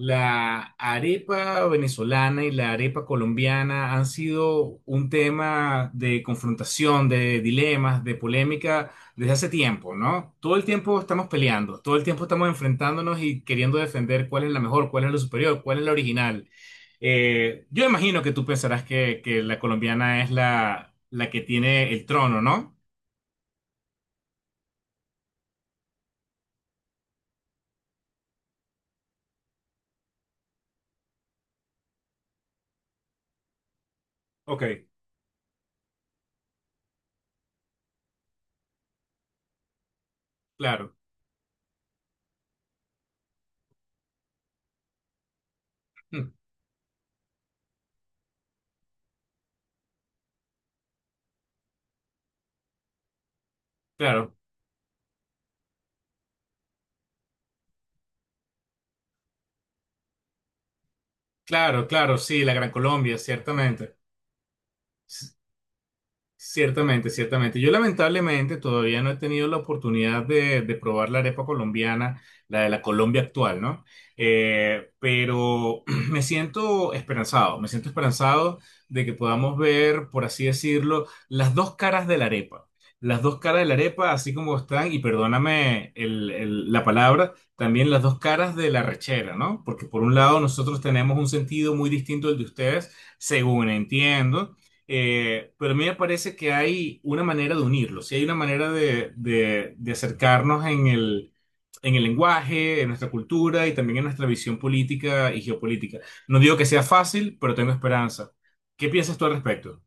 La arepa venezolana y la arepa colombiana han sido un tema de confrontación, de dilemas, de polémica desde hace tiempo, ¿no? Todo el tiempo estamos peleando, todo el tiempo estamos enfrentándonos y queriendo defender cuál es la mejor, cuál es la superior, cuál es la original. Yo imagino que tú pensarás que la colombiana es la que tiene el trono, ¿no? Ok, claro, mm, claro, claro, claro, sí, la Gran Colombia, ciertamente. Ciertamente, ciertamente. Yo lamentablemente todavía no he tenido la oportunidad de probar la arepa colombiana, la de la Colombia actual, ¿no? Pero me siento esperanzado de que podamos ver, por así decirlo, las dos caras de la arepa. Las dos caras de la arepa, así como están, y perdóname la palabra, también las dos caras de la rechera, ¿no? Porque por un lado nosotros tenemos un sentido muy distinto del de ustedes, según entiendo. Pero a mí me parece que hay una manera de unirlos, y hay una manera de acercarnos en en el lenguaje, en nuestra cultura y también en nuestra visión política y geopolítica. No digo que sea fácil, pero tengo esperanza. ¿Qué piensas tú al respecto?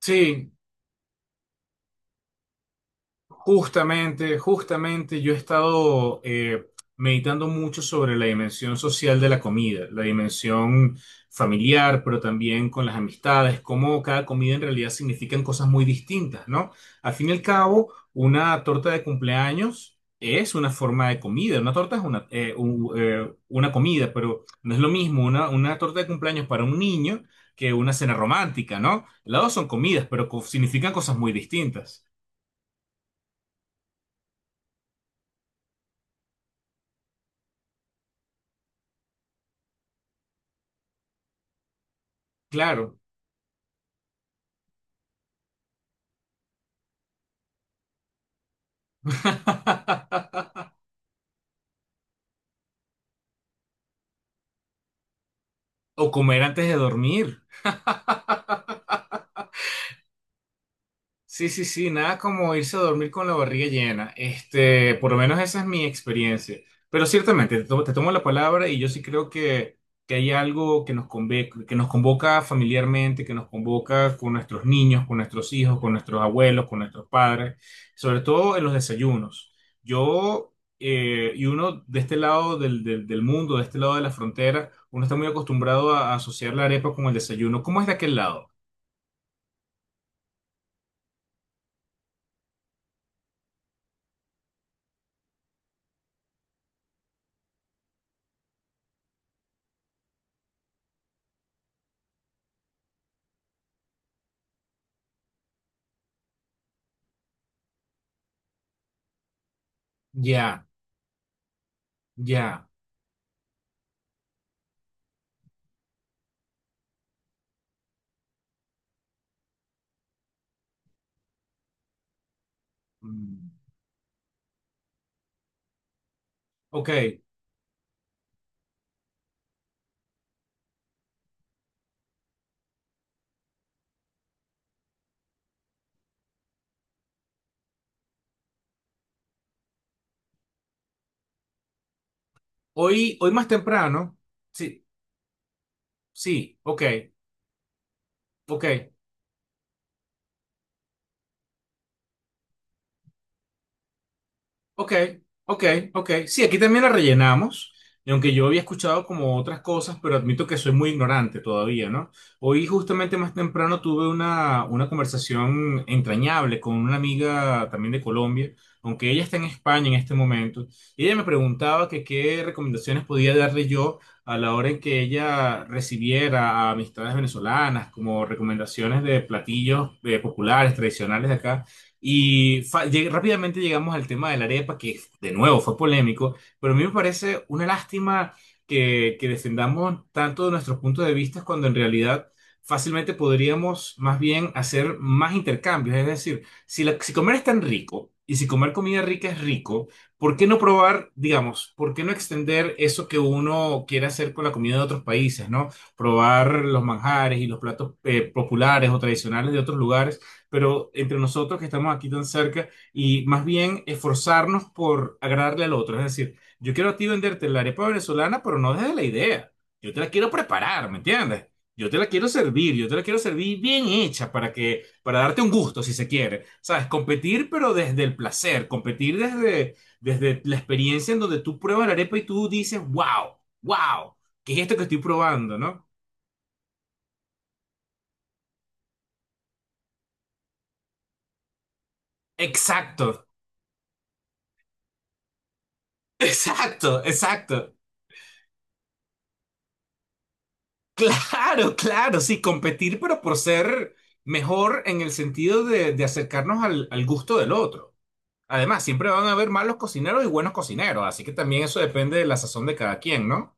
Sí, justamente, justamente yo he estado meditando mucho sobre la dimensión social de la comida, la dimensión familiar, pero también con las amistades, cómo cada comida en realidad significan cosas muy distintas, ¿no? Al fin y al cabo, una torta de cumpleaños es una forma de comida, una torta es una comida, pero no es lo mismo una torta de cumpleaños para un niño que una cena romántica, ¿no? Las dos son comidas, pero significan cosas muy distintas. Claro. O comer antes de dormir. Sí, sí, sí, nada como irse a dormir con la barriga llena. Este, por lo menos esa es mi experiencia. Pero ciertamente, te tomo la palabra y yo sí creo que hay algo que que nos convoca familiarmente, que nos convoca con nuestros niños, con nuestros hijos, con nuestros abuelos, con nuestros padres, sobre todo en los desayunos. Yo y uno de este lado del mundo, de este lado de la frontera, uno está muy acostumbrado a asociar la arepa con el desayuno. ¿Cómo es de aquel lado? Ya, ya. Mm. Ok, hoy, hoy más temprano, sí, sí, ok, ok. Ok, ok, ok. Sí, aquí también la rellenamos. Y aunque yo había escuchado como otras cosas, pero admito que soy muy ignorante todavía, ¿no? Hoy justamente más temprano tuve una conversación entrañable con una amiga también de Colombia, aunque ella está en España en este momento. Y ella me preguntaba que qué recomendaciones podía darle yo a la hora en que ella recibiera a amistades venezolanas como recomendaciones de platillos populares, tradicionales de acá. Y rápidamente llegamos al tema de la arepa, que de nuevo fue polémico, pero a mí me parece una lástima que defendamos tanto de nuestros puntos de vista cuando en realidad fácilmente podríamos más bien hacer más intercambios. Es decir, si, si comer es tan rico y si comer comida rica es rico, ¿por qué no probar, digamos, por qué no extender eso que uno quiere hacer con la comida de otros países, ¿no? Probar los manjares y los platos populares o tradicionales de otros lugares, pero entre nosotros que estamos aquí tan cerca y más bien esforzarnos por agradarle al otro. Es decir, yo quiero a ti venderte la arepa venezolana, pero no desde la idea. Yo te la quiero preparar, ¿me entiendes? Yo te la quiero servir, yo te la quiero servir bien hecha para que, para darte un gusto, si se quiere. ¿Sabes? Competir, pero desde el placer, competir desde la experiencia en donde tú pruebas la arepa y tú dices, wow, wow, ¿qué es esto que estoy probando, no? Exacto, exacto, exacto. Claro, claro, sí, competir, pero por ser mejor en el sentido de acercarnos al gusto del otro. Además, siempre van a haber malos cocineros y buenos cocineros, así que también eso depende de la sazón de cada quien, ¿no?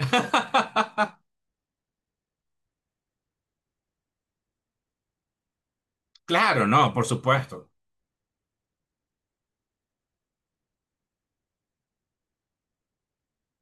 Claro, no, por supuesto.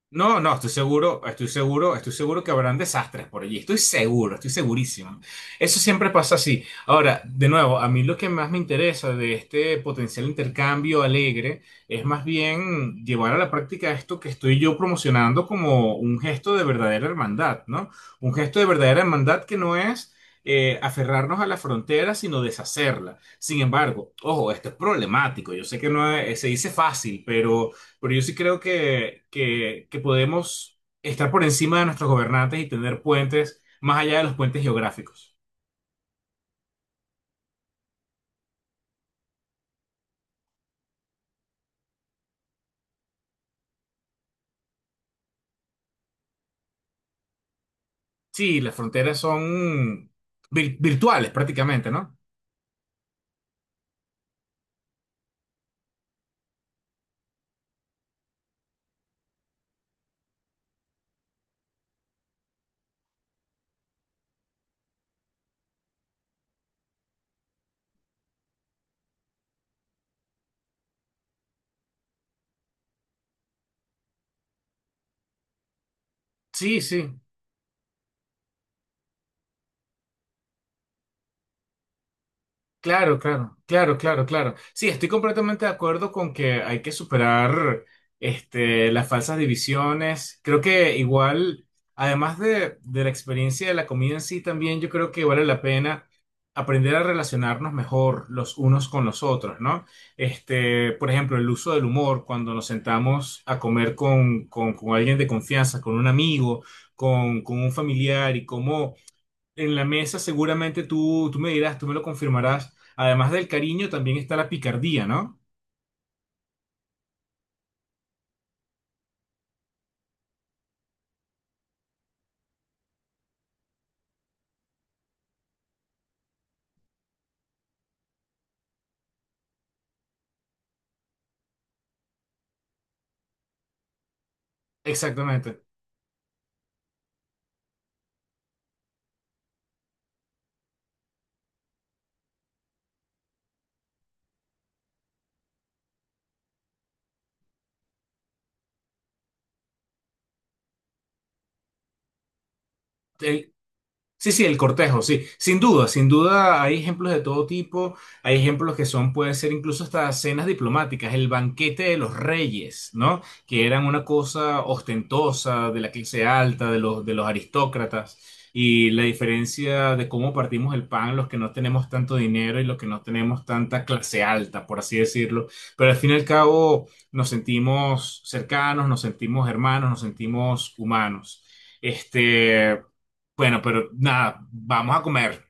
No, no, estoy seguro, estoy seguro, estoy seguro que habrán desastres por allí. Estoy seguro, estoy segurísimo. Eso siempre pasa así. Ahora, de nuevo, a mí lo que más me interesa de este potencial intercambio alegre es más bien llevar a la práctica esto que estoy yo promocionando como un gesto de verdadera hermandad, ¿no? Un gesto de verdadera hermandad que no es aferrarnos a la frontera, sino deshacerla. Sin embargo, ojo, esto es problemático. Yo sé que no es- se dice fácil, pero... Pero yo sí creo que podemos estar por encima de nuestros gobernantes y tener puentes más allá de los puentes geográficos. Sí, las fronteras son virtuales prácticamente, ¿no? Sí, sí. Claro, claro, claro, claro, claro. Sí, estoy completamente de acuerdo con que hay que superar este, las falsas divisiones. Creo que igual, además de la experiencia de la comida en sí, también yo creo que vale la pena aprender a relacionarnos mejor los unos con los otros, ¿no? Este, por ejemplo, el uso del humor cuando nos sentamos a comer con alguien de confianza, con un amigo, con un familiar y cómo en la mesa seguramente tú me dirás, tú me lo confirmarás. Además del cariño, también está la picardía, ¿no? Exactamente. El- Sí, sí, el cortejo, sí. Sin duda, sin duda hay ejemplos de todo tipo. Hay ejemplos que son, pueden ser incluso hasta cenas diplomáticas, el banquete de los reyes, ¿no? Que eran una cosa ostentosa de la clase alta, de los aristócratas. Y la diferencia de cómo partimos el pan, los que no tenemos tanto dinero y los que no tenemos tanta clase alta, por así decirlo. Pero al fin y al cabo nos sentimos cercanos, nos sentimos hermanos, nos sentimos humanos. Este. Bueno, pero nada, vamos a comer.